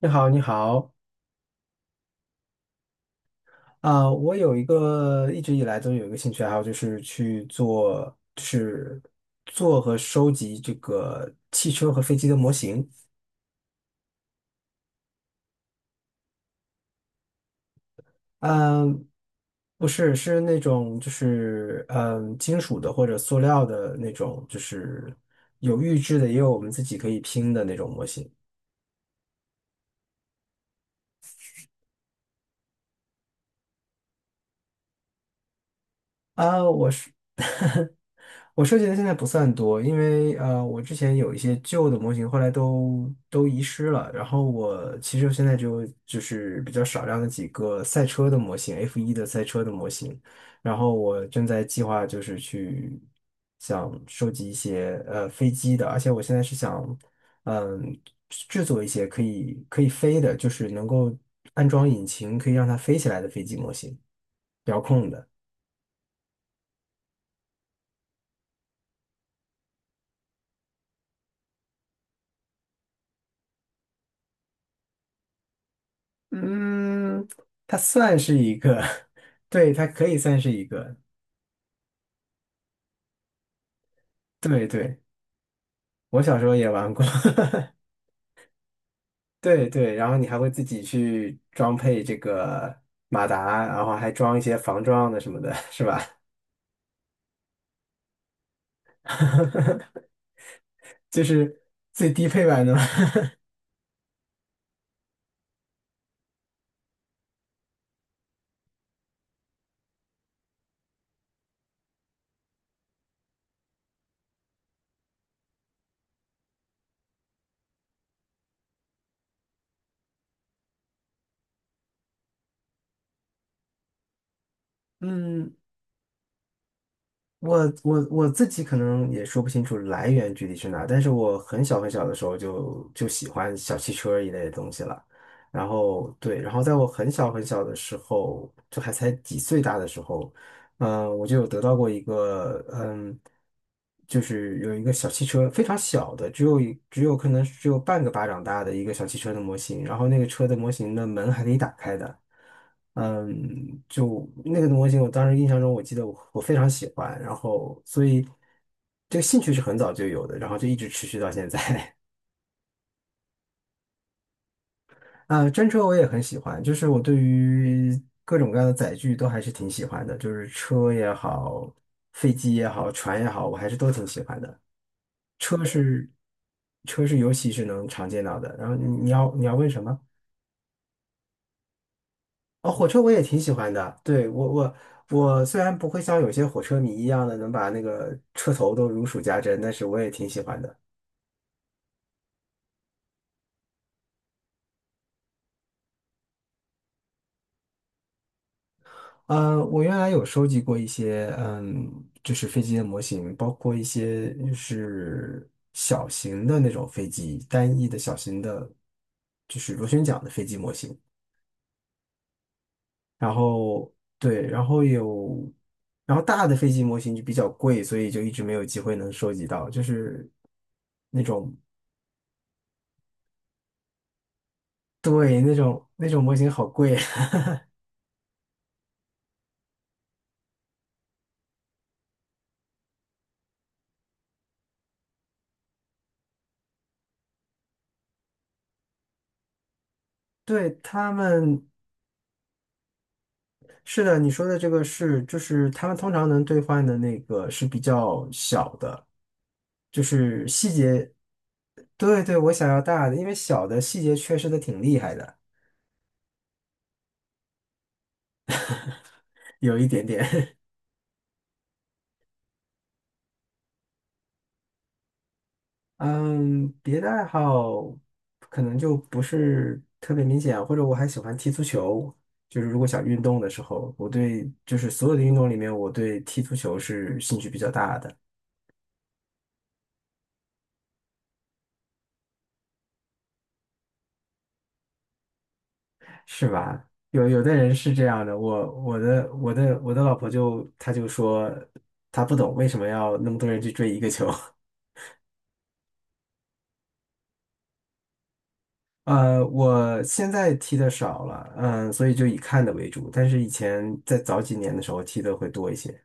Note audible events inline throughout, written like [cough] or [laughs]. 你好，你好。我有一个一直以来都有一个兴趣爱好，就是去做，就是做和收集这个汽车和飞机的模型。嗯，不是，是那种就是金属的或者塑料的那种，就是有预制的，也有我们自己可以拼的那种模型。啊，我是。我收集的现在不算多，因为我之前有一些旧的模型，后来都遗失了。然后我其实现在就是比较少量的几个赛车的模型，F1 的赛车的模型。然后我正在计划就是去想收集一些飞机的，而且我现在是想嗯制作一些可以飞的，就是能够安装引擎可以让它飞起来的飞机模型，遥控的。嗯，它算是一个，[laughs] 对，它可以算是一个。对对，我小时候也玩过。[laughs] 对对，然后你还会自己去装配这个马达，然后还装一些防撞的什么的，是吧？[laughs] 就是最低配版的嘛。[laughs] 嗯。我自己可能也说不清楚来源具体是哪，但是我很小很小的时候就喜欢小汽车一类的东西了。然后对，然后在我很小很小的时候，就还才几岁大的时候，我就有得到过一个，就是有一个小汽车，非常小的，只有一只有可能只有半个巴掌大的一个小汽车的模型，然后那个车的模型的门还可以打开的。就那个模型，我当时印象中，我记得我非常喜欢，然后所以这个兴趣是很早就有的，然后就一直持续到现在。[laughs] 啊，真车我也很喜欢，就是我对于各种各样的载具都还是挺喜欢的，就是车也好，飞机也好，船也好，我还是都挺喜欢的。车是车是尤其是能常见到的。然后你要问什么？哦，火车我也挺喜欢的。对，我虽然不会像有些火车迷一样的能把那个车头都如数家珍，但是我也挺喜欢的。我原来有收集过一些，就是飞机的模型，包括一些就是小型的那种飞机，单翼的小型的，就是螺旋桨的飞机模型。然后对，然后有，然后大的飞机模型就比较贵，所以就一直没有机会能收集到，就是那种。对，那种模型好贵。[laughs] 对，他们。是的，你说的这个是，就是他们通常能兑换的那个是比较小的，就是细节。对对，我想要大的，因为小的细节缺失的挺厉害的。有一点点。[laughs] 嗯，别的爱好可能就不是特别明显啊，或者我还喜欢踢足球，就是如果想运动的时候，我对就是所有的运动里面，我对踢足球是兴趣比较大的。是吧？有有的人是这样的，我的老婆就她就说她不懂为什么要那么多人去追一个球。[laughs] 我现在踢的少了，所以就以看的为主。但是以前在早几年的时候踢的会多一些。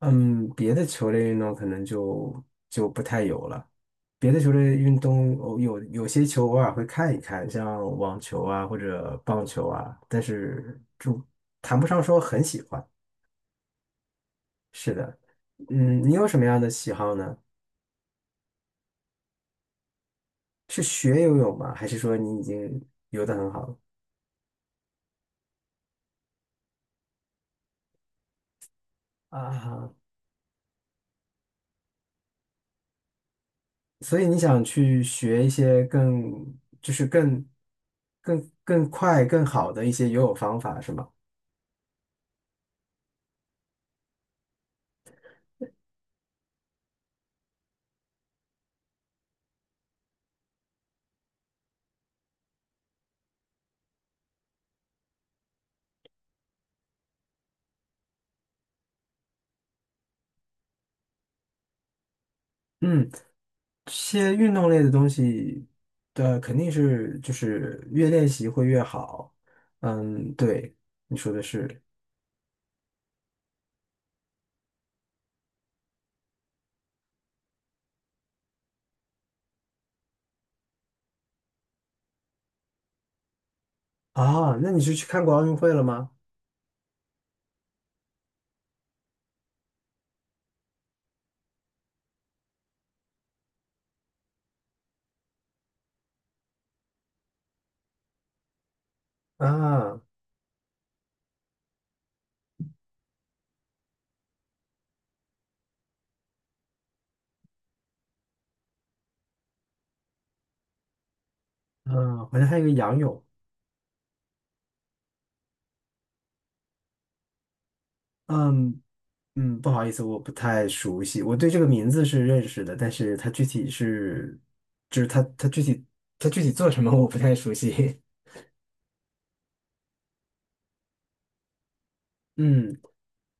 嗯，别的球类运动可能就不太有了。别的球类运动偶有些球偶尔会看一看，像网球啊或者棒球啊，但是就谈不上说很喜欢。是的。你有什么样的喜好呢？是学游泳吗？还是说你已经游得很好了啊？所以你想去学一些更，就是更快、更好的一些游泳方法，是吗？嗯，这些运动类的东西的肯定是就是越练习会越好。嗯，对，你说的是。啊，那你是去看过奥运会了吗？啊，嗯，好像还有一个仰泳。嗯，不好意思，我不太熟悉。我对这个名字是认识的，但是它具体是，就是它具体做什么 [laughs] 我不太熟悉。[laughs] 嗯，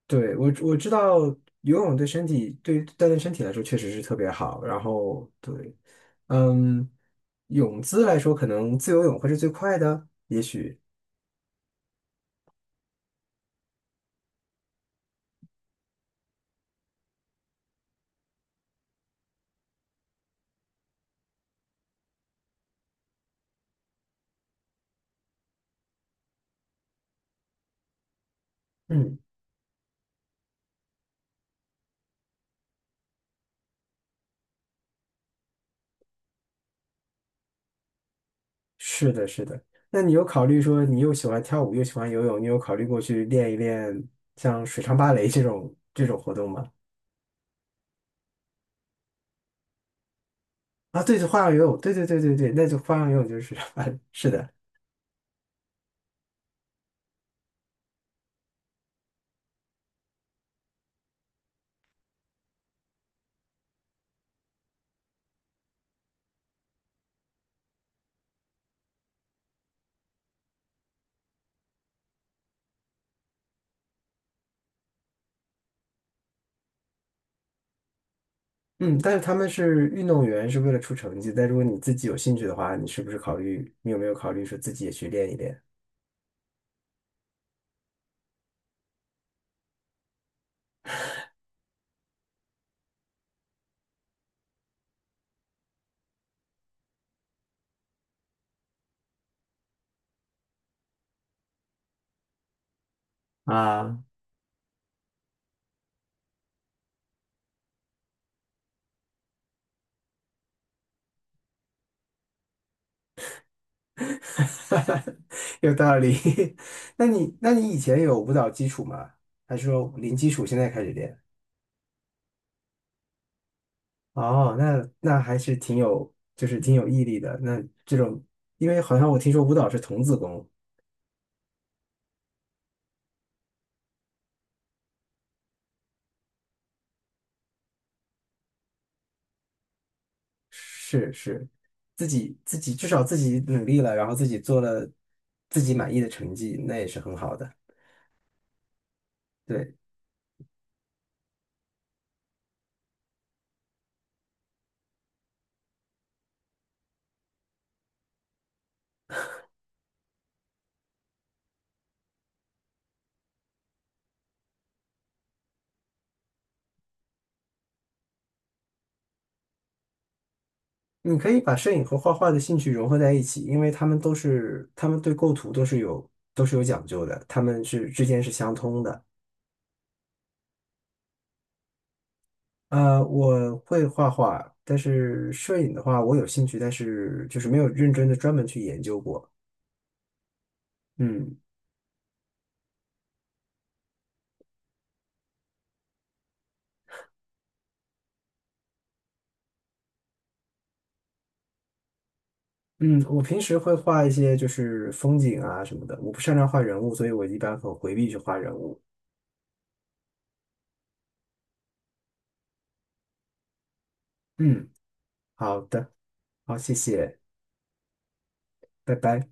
对，我知道游泳对身体对于锻炼身体来说确实是特别好。然后对，嗯，泳姿来说可能自由泳会是最快的。嗯，是的，是的。那你有考虑说你又喜欢跳舞又喜欢游泳，你有考虑过去练一练像水上芭蕾这种活动吗？啊，对，花样游泳，对对对对对，那就花样游泳就是。[laughs] 是的。嗯，但是他们是运动员，是为了出成绩。但如果你自己有兴趣的话，你是不是考虑，你有没有考虑说自己也去练一练？啊，[laughs] 有道理。[laughs] 那你以前有舞蹈基础吗？还是说零基础现在开始练？哦，那那还是挺有，就是挺有毅力的。那这种，因为好像我听说舞蹈是童子功。是是，自己自己至少自己努力了，然后自己做了自己满意的成绩，那也是很好的。对，你可以把摄影和画画的兴趣融合在一起，因为他们对构图都是有讲究的，他们是之间是相通的。呃，我会画画，但是摄影的话，我有兴趣，但是就是没有认真的专门去研究过。嗯嗯，我平时会画一些就是风景啊什么的，我不擅长画人物，所以我一般很回避去画人物。嗯，好的，好，谢谢，拜拜。